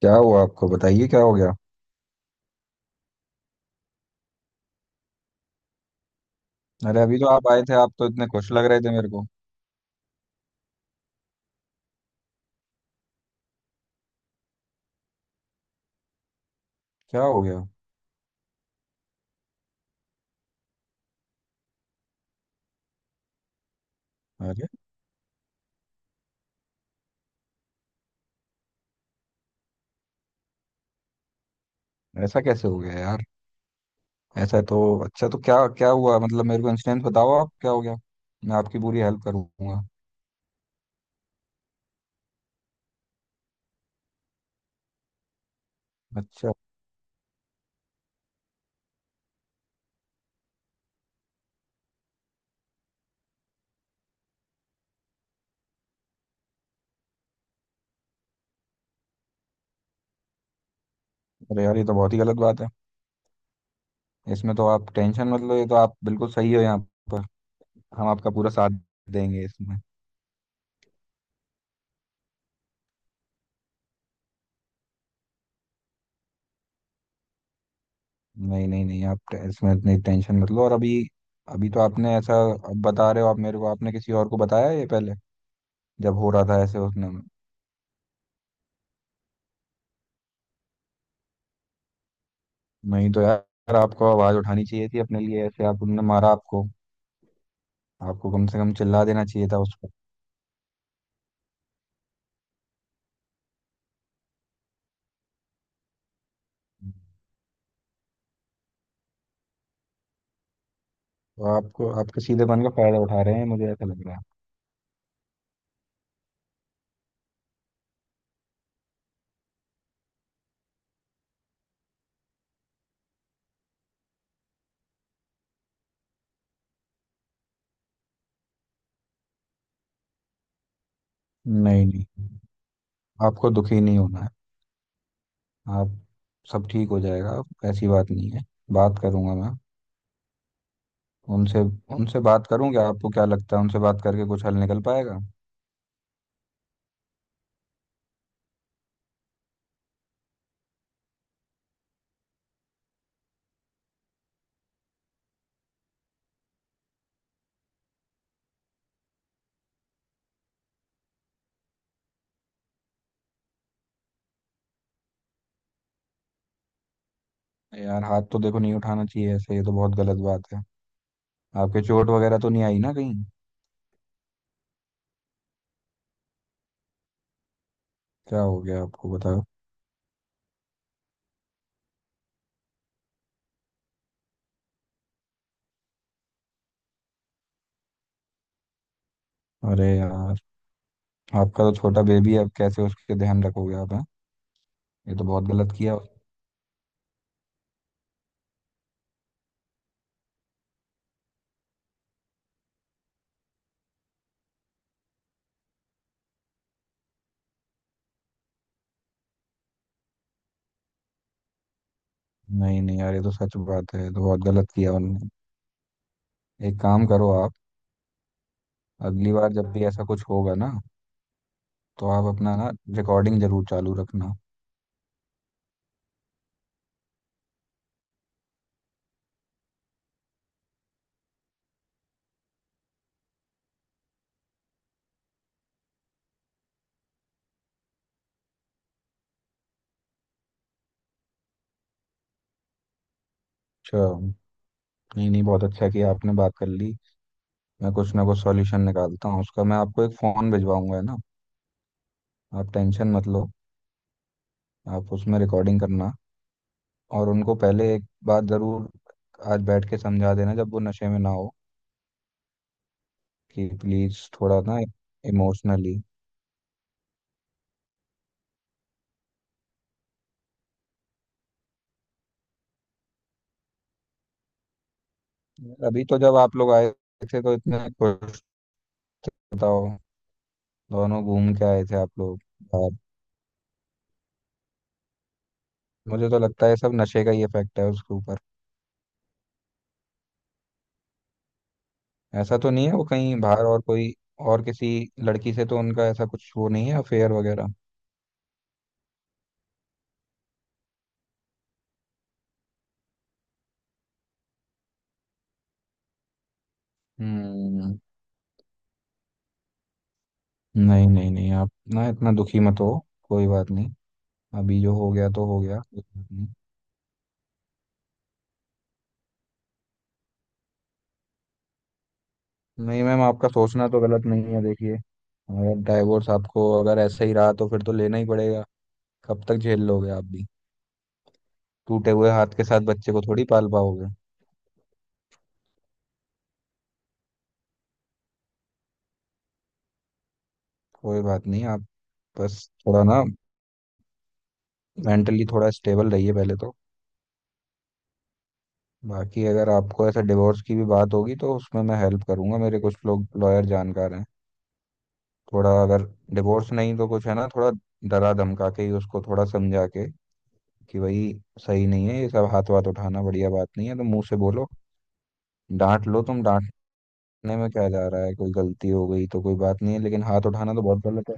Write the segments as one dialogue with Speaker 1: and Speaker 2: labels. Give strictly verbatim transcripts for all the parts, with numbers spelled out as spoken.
Speaker 1: क्या हुआ आपको बताइए क्या हो गया। अरे अभी तो आप आए थे, आप तो इतने खुश लग रहे थे मेरे को। क्या हो गया। अरे, ऐसा कैसे हो गया यार। ऐसा तो अच्छा, तो क्या क्या हुआ, मतलब मेरे को इंसिडेंट बताओ आप, क्या हो गया। मैं आपकी पूरी हेल्प करूंगा। अच्छा। अरे यार, ये तो बहुत ही गलत बात है। इसमें तो आप टेंशन मत लो, ये तो आप बिल्कुल सही हो यहाँ पर। हम आपका पूरा साथ देंगे इसमें। नहीं नहीं नहीं, आप टे- इसमें इतनी टेंशन मत लो। और अभी अभी तो आपने ऐसा अब बता रहे हो आप मेरे को, आपने किसी और को बताया ये पहले जब हो रहा था ऐसे उसने? नहीं तो यार, आपको आवाज उठानी चाहिए थी अपने लिए, ऐसे आप उनने मारा आपको। आपको कम से कम चिल्ला देना चाहिए था उस पर। तो आपको, आपके सीधेपन का फायदा उठा रहे हैं, मुझे ऐसा लग रहा है। नहीं नहीं, आपको दुखी नहीं होना है आप। सब ठीक हो जाएगा, ऐसी बात नहीं है। बात करूंगा मैं उनसे। उनसे बात करूंगा। आपको क्या लगता है, उनसे बात करके कुछ हल निकल पाएगा? यार, हाथ तो देखो नहीं उठाना चाहिए ऐसे, ये तो बहुत गलत बात है। आपके चोट वगैरह तो नहीं आई ना कहीं? क्या हो गया आपको बताओ। अरे यार। आपका तो छोटा बेबी है, अब कैसे उसके ध्यान रखोगे आप हैं। ये तो बहुत गलत किया। नहीं नहीं यार, ये तो सच बात है, ये तो बहुत गलत किया उनने। एक काम करो आप, अगली बार जब भी ऐसा कुछ होगा ना तो आप अपना ना रिकॉर्डिंग जरूर चालू रखना। अच्छा। नहीं नहीं, बहुत अच्छा किया आपने बात कर ली। मैं कुछ ना कुछ सॉल्यूशन निकालता हूँ उसका, मैं आपको एक फ़ोन भिजवाऊंगा, है ना? आप टेंशन मत लो। आप उसमें रिकॉर्डिंग करना। और उनको पहले एक बात ज़रूर आज बैठ के समझा देना, जब वो नशे में ना हो, कि प्लीज़ थोड़ा ना इमोशनली। अभी तो जब आप लोग आए थे तो इतने खुश, बताओ। दोनों घूम के आए थे आप लोग बाहर। मुझे तो लगता है सब नशे का ही इफेक्ट है उसके ऊपर। ऐसा तो नहीं है वो कहीं बाहर और कोई, और किसी लड़की से तो उनका ऐसा कुछ वो नहीं है, अफेयर वगैरह? हम्म। नहीं नहीं नहीं, आप ना इतना दुखी मत हो, कोई बात नहीं। अभी जो हो गया तो हो गया, कोई बात नहीं। नहीं मैम, आपका सोचना तो गलत नहीं है, देखिए अगर डाइवोर्स, आपको अगर ऐसा ही रहा तो फिर तो लेना ही पड़ेगा। कब तक झेल लोगे आप भी। टूटे हुए हाथ के साथ बच्चे को थोड़ी पाल पाओगे। कोई बात नहीं, आप बस थोड़ा ना मेंटली थोड़ा स्टेबल रहिए पहले तो। बाकी अगर आपको ऐसा डिवोर्स की भी बात होगी तो उसमें मैं हेल्प करूंगा, मेरे कुछ लोग लॉयर जानकार हैं। थोड़ा अगर डिवोर्स नहीं तो कुछ है ना, थोड़ा डरा धमका के ही उसको थोड़ा समझा के, कि भाई सही नहीं है ये सब, हाथ वाथ उठाना बढ़िया बात नहीं है, तो मुंह से बोलो, डांट लो, तुम डांटने में क्या जा रहा है। कोई गलती हो गई तो कोई बात नहीं है, लेकिन हाथ उठाना तो बहुत गलत है।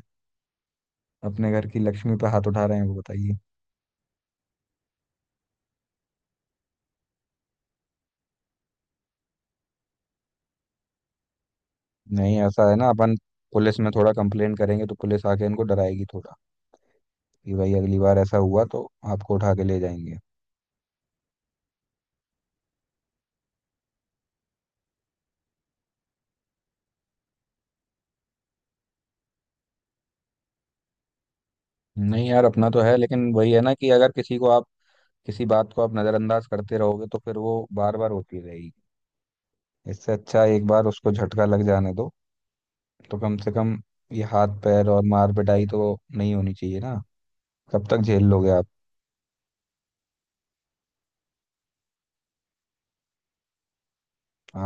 Speaker 1: अपने घर की लक्ष्मी पे हाथ उठा रहे हैं वो, बताइए। नहीं, ऐसा है ना अपन पुलिस में थोड़ा कंप्लेन करेंगे तो पुलिस आके इनको डराएगी थोड़ा, कि भाई अगली बार ऐसा हुआ तो आपको उठा के ले जाएंगे। नहीं यार, अपना तो है, लेकिन वही है ना कि अगर किसी को आप, किसी बात को आप नज़रअंदाज करते रहोगे तो फिर वो बार बार होती रहेगी। इससे अच्छा एक बार उसको झटका लग जाने दो, तो कम से कम ये हाथ पैर और मार पिटाई तो नहीं होनी चाहिए ना। कब तक झेल लोगे आप।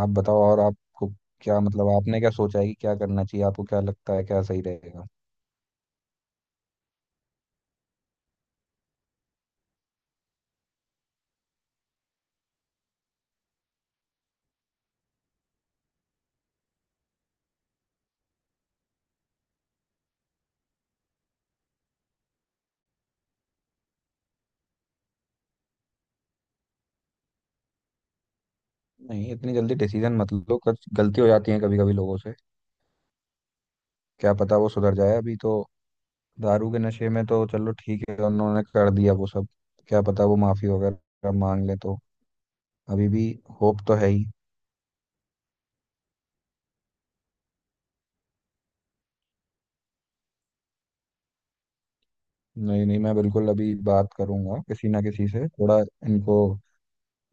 Speaker 1: आप बताओ, और आपको क्या मतलब, आपने क्या सोचा है कि क्या करना चाहिए, आपको क्या लगता है क्या सही रहेगा? नहीं, इतनी जल्दी डिसीजन मत लो, कुछ गलती हो जाती है कभी कभी लोगों से। क्या पता वो सुधर जाए, अभी तो दारू के नशे में तो चलो ठीक है उन्होंने कर दिया वो सब। क्या पता वो माफी वगैरह मांग ले तो, अभी भी होप तो है ही। नहीं नहीं, मैं बिल्कुल अभी बात करूंगा किसी ना किसी से, थोड़ा इनको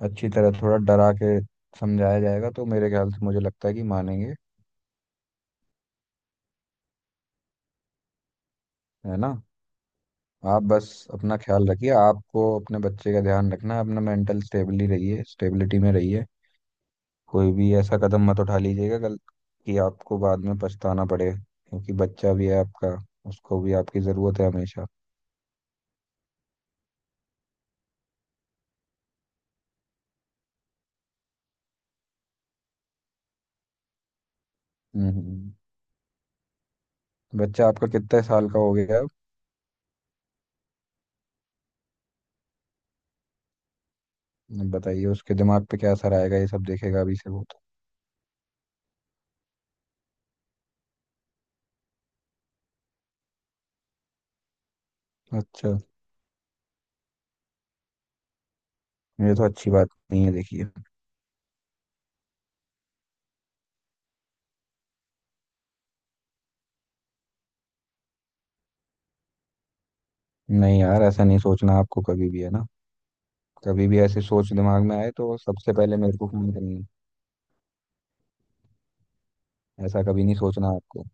Speaker 1: अच्छी तरह थोड़ा डरा के समझाया जाएगा तो मेरे ख्याल से, मुझे लगता है कि मानेंगे, है ना? आप बस अपना ख्याल रखिए, आपको अपने बच्चे का ध्यान रखना है, अपना मेंटल स्टेबली रहिए, स्टेबिलिटी में रहिए। कोई भी ऐसा कदम मत उठा लीजिएगा गल कि आपको बाद में पछताना पड़े, क्योंकि बच्चा भी है आपका, उसको भी आपकी ज़रूरत है हमेशा। हम्म। बच्चा आपका कितने साल का हो गया अब? बताइए उसके दिमाग पे क्या असर आएगा, ये सब देखेगा अभी से वो तो। अच्छा, ये तो अच्छी बात नहीं है देखिए। नहीं यार, ऐसा नहीं सोचना आपको कभी भी, है ना? कभी भी ऐसी सोच दिमाग में आए तो सबसे पहले मेरे को फोन करनी है, ऐसा कभी नहीं सोचना आपको।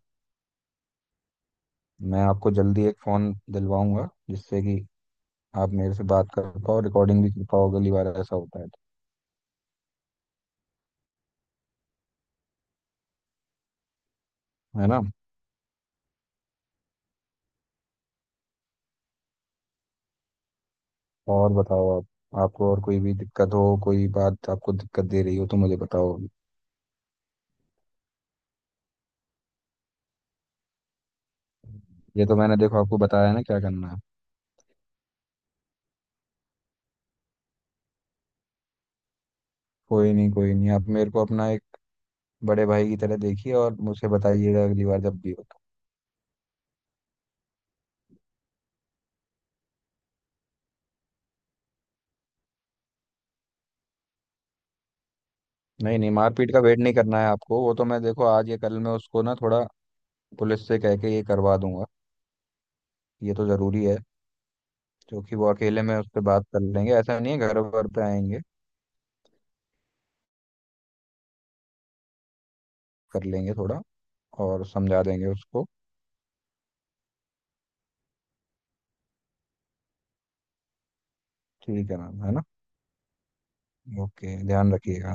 Speaker 1: मैं आपको जल्दी एक फोन दिलवाऊंगा जिससे कि आप मेरे से बात कर पाओ, रिकॉर्डिंग भी कर पाओ अगली बार ऐसा होता है तो, है ना? और बताओ आप, आपको और कोई भी दिक्कत हो, कोई बात आपको दिक्कत दे रही हो तो मुझे बताओ। ये तो मैंने देखो आपको बताया ना क्या करना है। कोई नहीं कोई नहीं, आप मेरे को अपना एक बड़े भाई की तरह देखिए और मुझे बताइएगा अगली बार जब भी हो तो। नहीं नहीं, मारपीट का वेट नहीं करना है आपको, वो तो मैं देखो आज या कल मैं उसको ना थोड़ा पुलिस से कह के ये करवा दूंगा। ये तो ज़रूरी है, क्योंकि वो अकेले में उस पर बात कर लेंगे, ऐसा नहीं है घर वर पे आएंगे। कर लेंगे थोड़ा और समझा देंगे उसको। ठीक है मैम, है ना? ओके, ध्यान रखिएगा।